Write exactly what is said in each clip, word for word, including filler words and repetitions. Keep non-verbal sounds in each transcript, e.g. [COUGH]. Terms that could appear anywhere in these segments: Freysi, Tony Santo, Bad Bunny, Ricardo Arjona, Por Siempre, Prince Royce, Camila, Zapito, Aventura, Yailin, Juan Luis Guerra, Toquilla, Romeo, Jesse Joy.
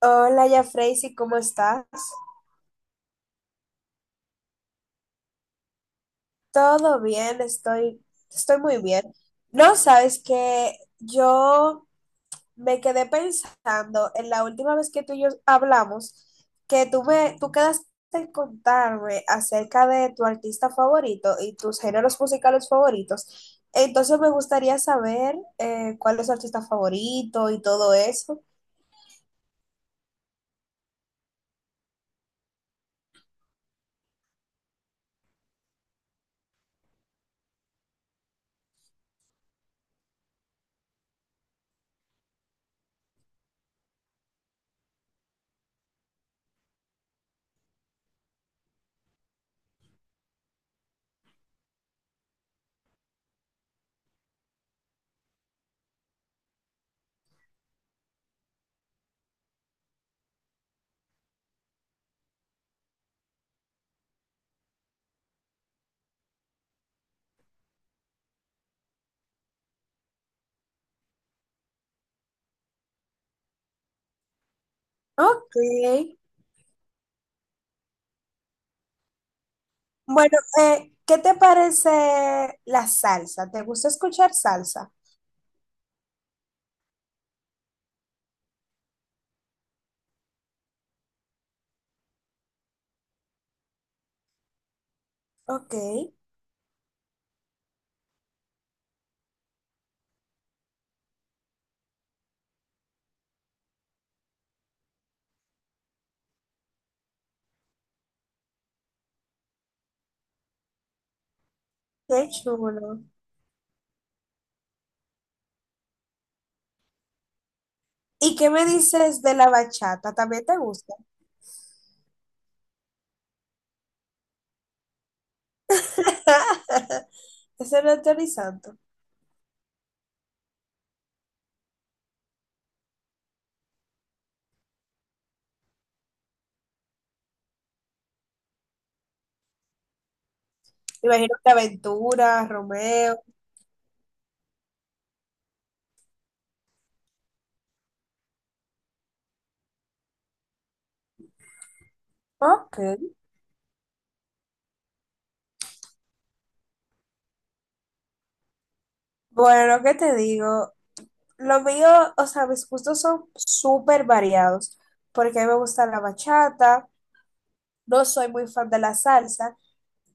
Hola, ya Freysi, ¿cómo estás? Todo bien, estoy, estoy muy bien. No, sabes que yo me quedé pensando en la última vez que tú y yo hablamos, que tú me, tú quedaste en contarme acerca de tu artista favorito y tus géneros musicales favoritos. Entonces me gustaría saber eh, cuál es tu artista favorito y todo eso. Ok. Bueno, eh, ¿qué te parece la salsa? ¿Te gusta escuchar salsa? Ok, qué chulo. ¿Y qué me dices de la bachata? ¿También te gusta? [LAUGHS] Ese no es Tony Santo. Me imagino que Aventura, Romeo. Ok. Bueno, ¿qué te digo? Lo mío, o sea, mis gustos son súper variados, porque a mí me gusta la bachata, no soy muy fan de la salsa,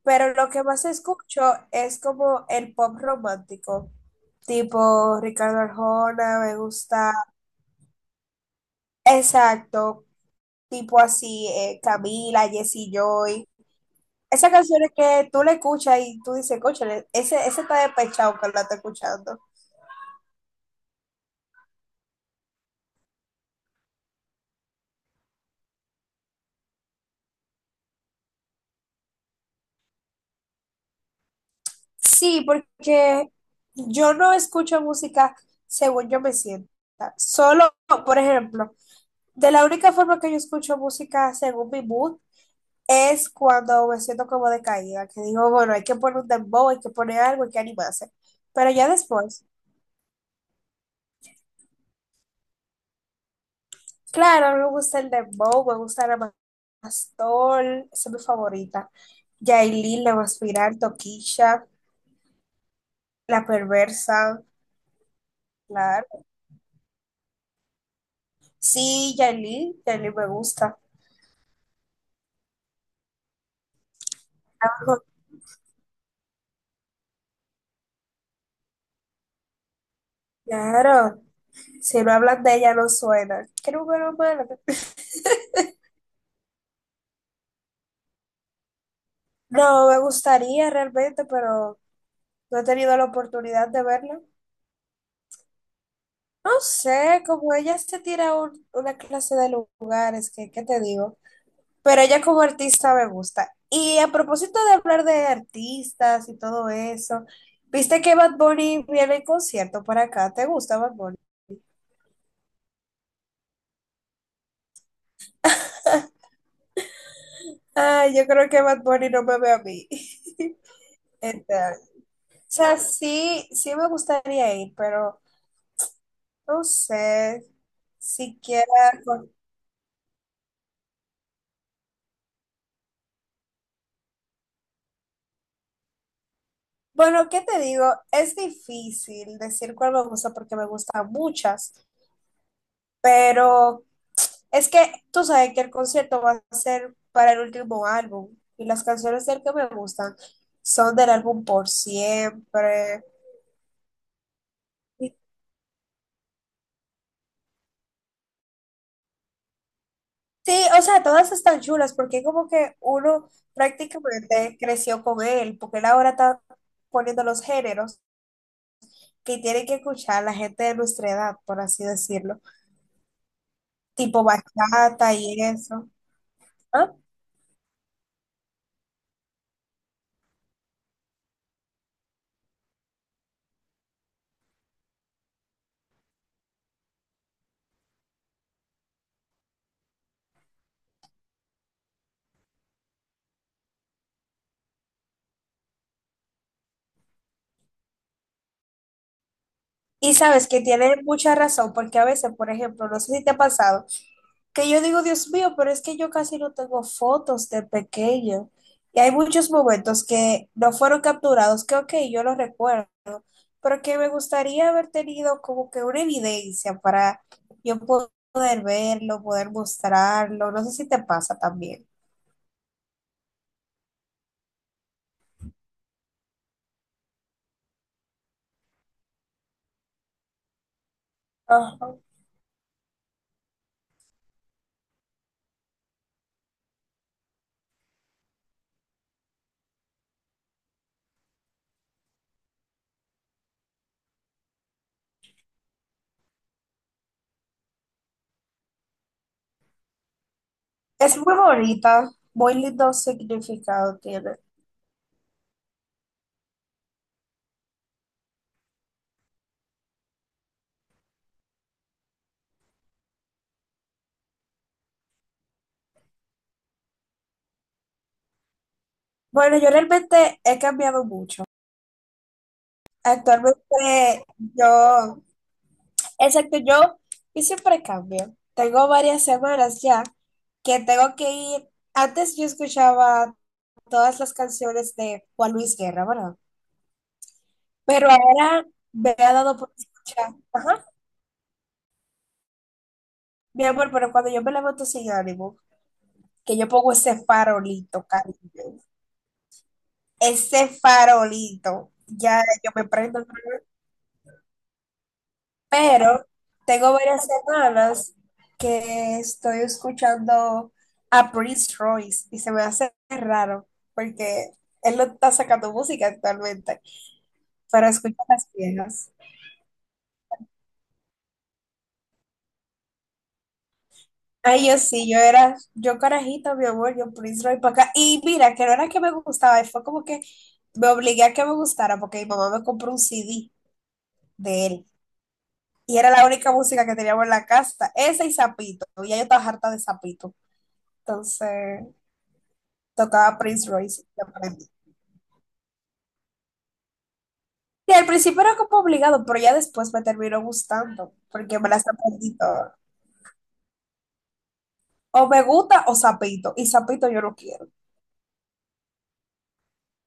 pero lo que más escucho es como el pop romántico. Tipo Ricardo Arjona, me gusta, exacto, tipo así, eh, Camila, Jesse Joy. Esas canciones que tú le escuchas y tú dices, cóchale, ese, ese está despechado que la está escuchando. Sí, porque yo no escucho música según yo me sienta. Solo, por ejemplo, de la única forma que yo escucho música según mi mood es cuando me siento como decaída, que digo, bueno, hay que poner un dembow, hay que poner algo, hay que animarse. Pero ya después, claro, me gusta el dembow, me gusta la Pastor, esa es mi favorita. Yailin, la Maspiral, Toquilla, la Perversa, claro. Sí, Yailin, Yailin me gusta. Claro, si no hablan de ella no suena. Qué número malo. [LAUGHS] No, me gustaría realmente, pero no he tenido la oportunidad de verla. No sé, como ella se tira un- una clase de lugares, que, ¿qué te digo? Pero ella como artista me gusta. Y a propósito de hablar de artistas y todo eso, ¿viste que Bad Bunny viene en concierto para acá? ¿Te gusta Bad Bunny? Ay, yo creo que Bad Bunny no me ve a mí. [LAUGHS] Entonces, o sea, sí, sí me gustaría ir, pero no sé siquiera. Bueno, ¿qué te digo? Es difícil decir cuál me gusta porque me gustan muchas, pero es que tú sabes que el concierto va a ser para el último álbum y las canciones del que me gustan son del álbum Por Siempre. Y sí, o sea, todas están chulas porque como que uno prácticamente creció con él, porque él ahora está poniendo los géneros que tiene que escuchar la gente de nuestra edad, por así decirlo, tipo bachata y eso. ¿Ah? Y sabes que tiene mucha razón, porque a veces, por ejemplo, no sé si te ha pasado, que yo digo, Dios mío, pero es que yo casi no tengo fotos de pequeño. Y hay muchos momentos que no fueron capturados, que ok, yo los recuerdo, pero que me gustaría haber tenido como que una evidencia para yo po- poder verlo, poder mostrarlo. No sé si te pasa también. Ajá. Es muy bonita, muy lindo significado tiene. Bueno, yo realmente he cambiado mucho. Actualmente yo, exacto, yo, yo siempre cambio. Tengo varias semanas ya que tengo que ir. Antes yo escuchaba todas las canciones de Juan Luis Guerra, ¿verdad? Pero ahora me ha dado por escuchar. Ajá. Mi amor, pero cuando yo me levanto sin ánimo, que yo pongo ese farolito, cariño, ese farolito, ya yo me prendo. Pero tengo varias semanas que estoy escuchando a Prince Royce y se me hace raro porque él no está sacando música actualmente, pero escucho las viejas. Ay, yo sí, yo era, yo carajita, mi amor, yo Prince Royce para acá. Y mira, que no era que me gustaba, fue como que me obligué a que me gustara porque mi mamá me compró un C D de él y era la única música que teníamos en la casa, ese y Zapito, y ya yo estaba harta de Zapito. Entonces tocaba Prince Royce y aprendí. Y al principio era como obligado, pero ya después me terminó gustando, porque me las aprendí todas. O me gusta o sapito, y sapito yo no quiero.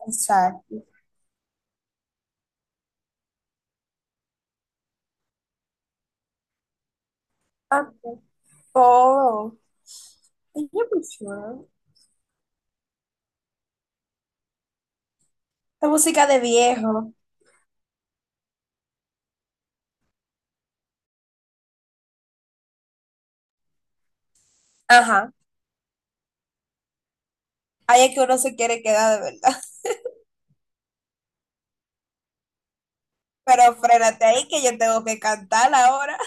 Exacto. Ah, oh, y yo, pues, bueno, la música de viejo. Ajá. Ahí es que uno se quiere quedar de verdad. [LAUGHS] Pero frénate ahí que yo tengo que cantar ahora.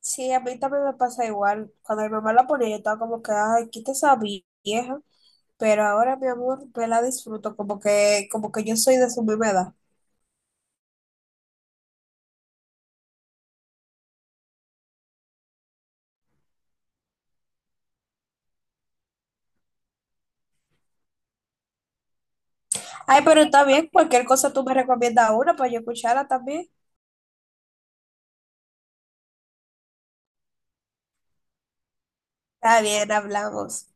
Sí, a mí también me pasa igual. Cuando mi mamá la ponía, yo estaba como que, ay, quita esa vieja. Pero ahora, mi amor, me la disfruto como que, como que yo soy de su misma edad. Ay, pero está bien, cualquier cosa tú me recomiendas una para yo escucharla también. Está bien, hablamos.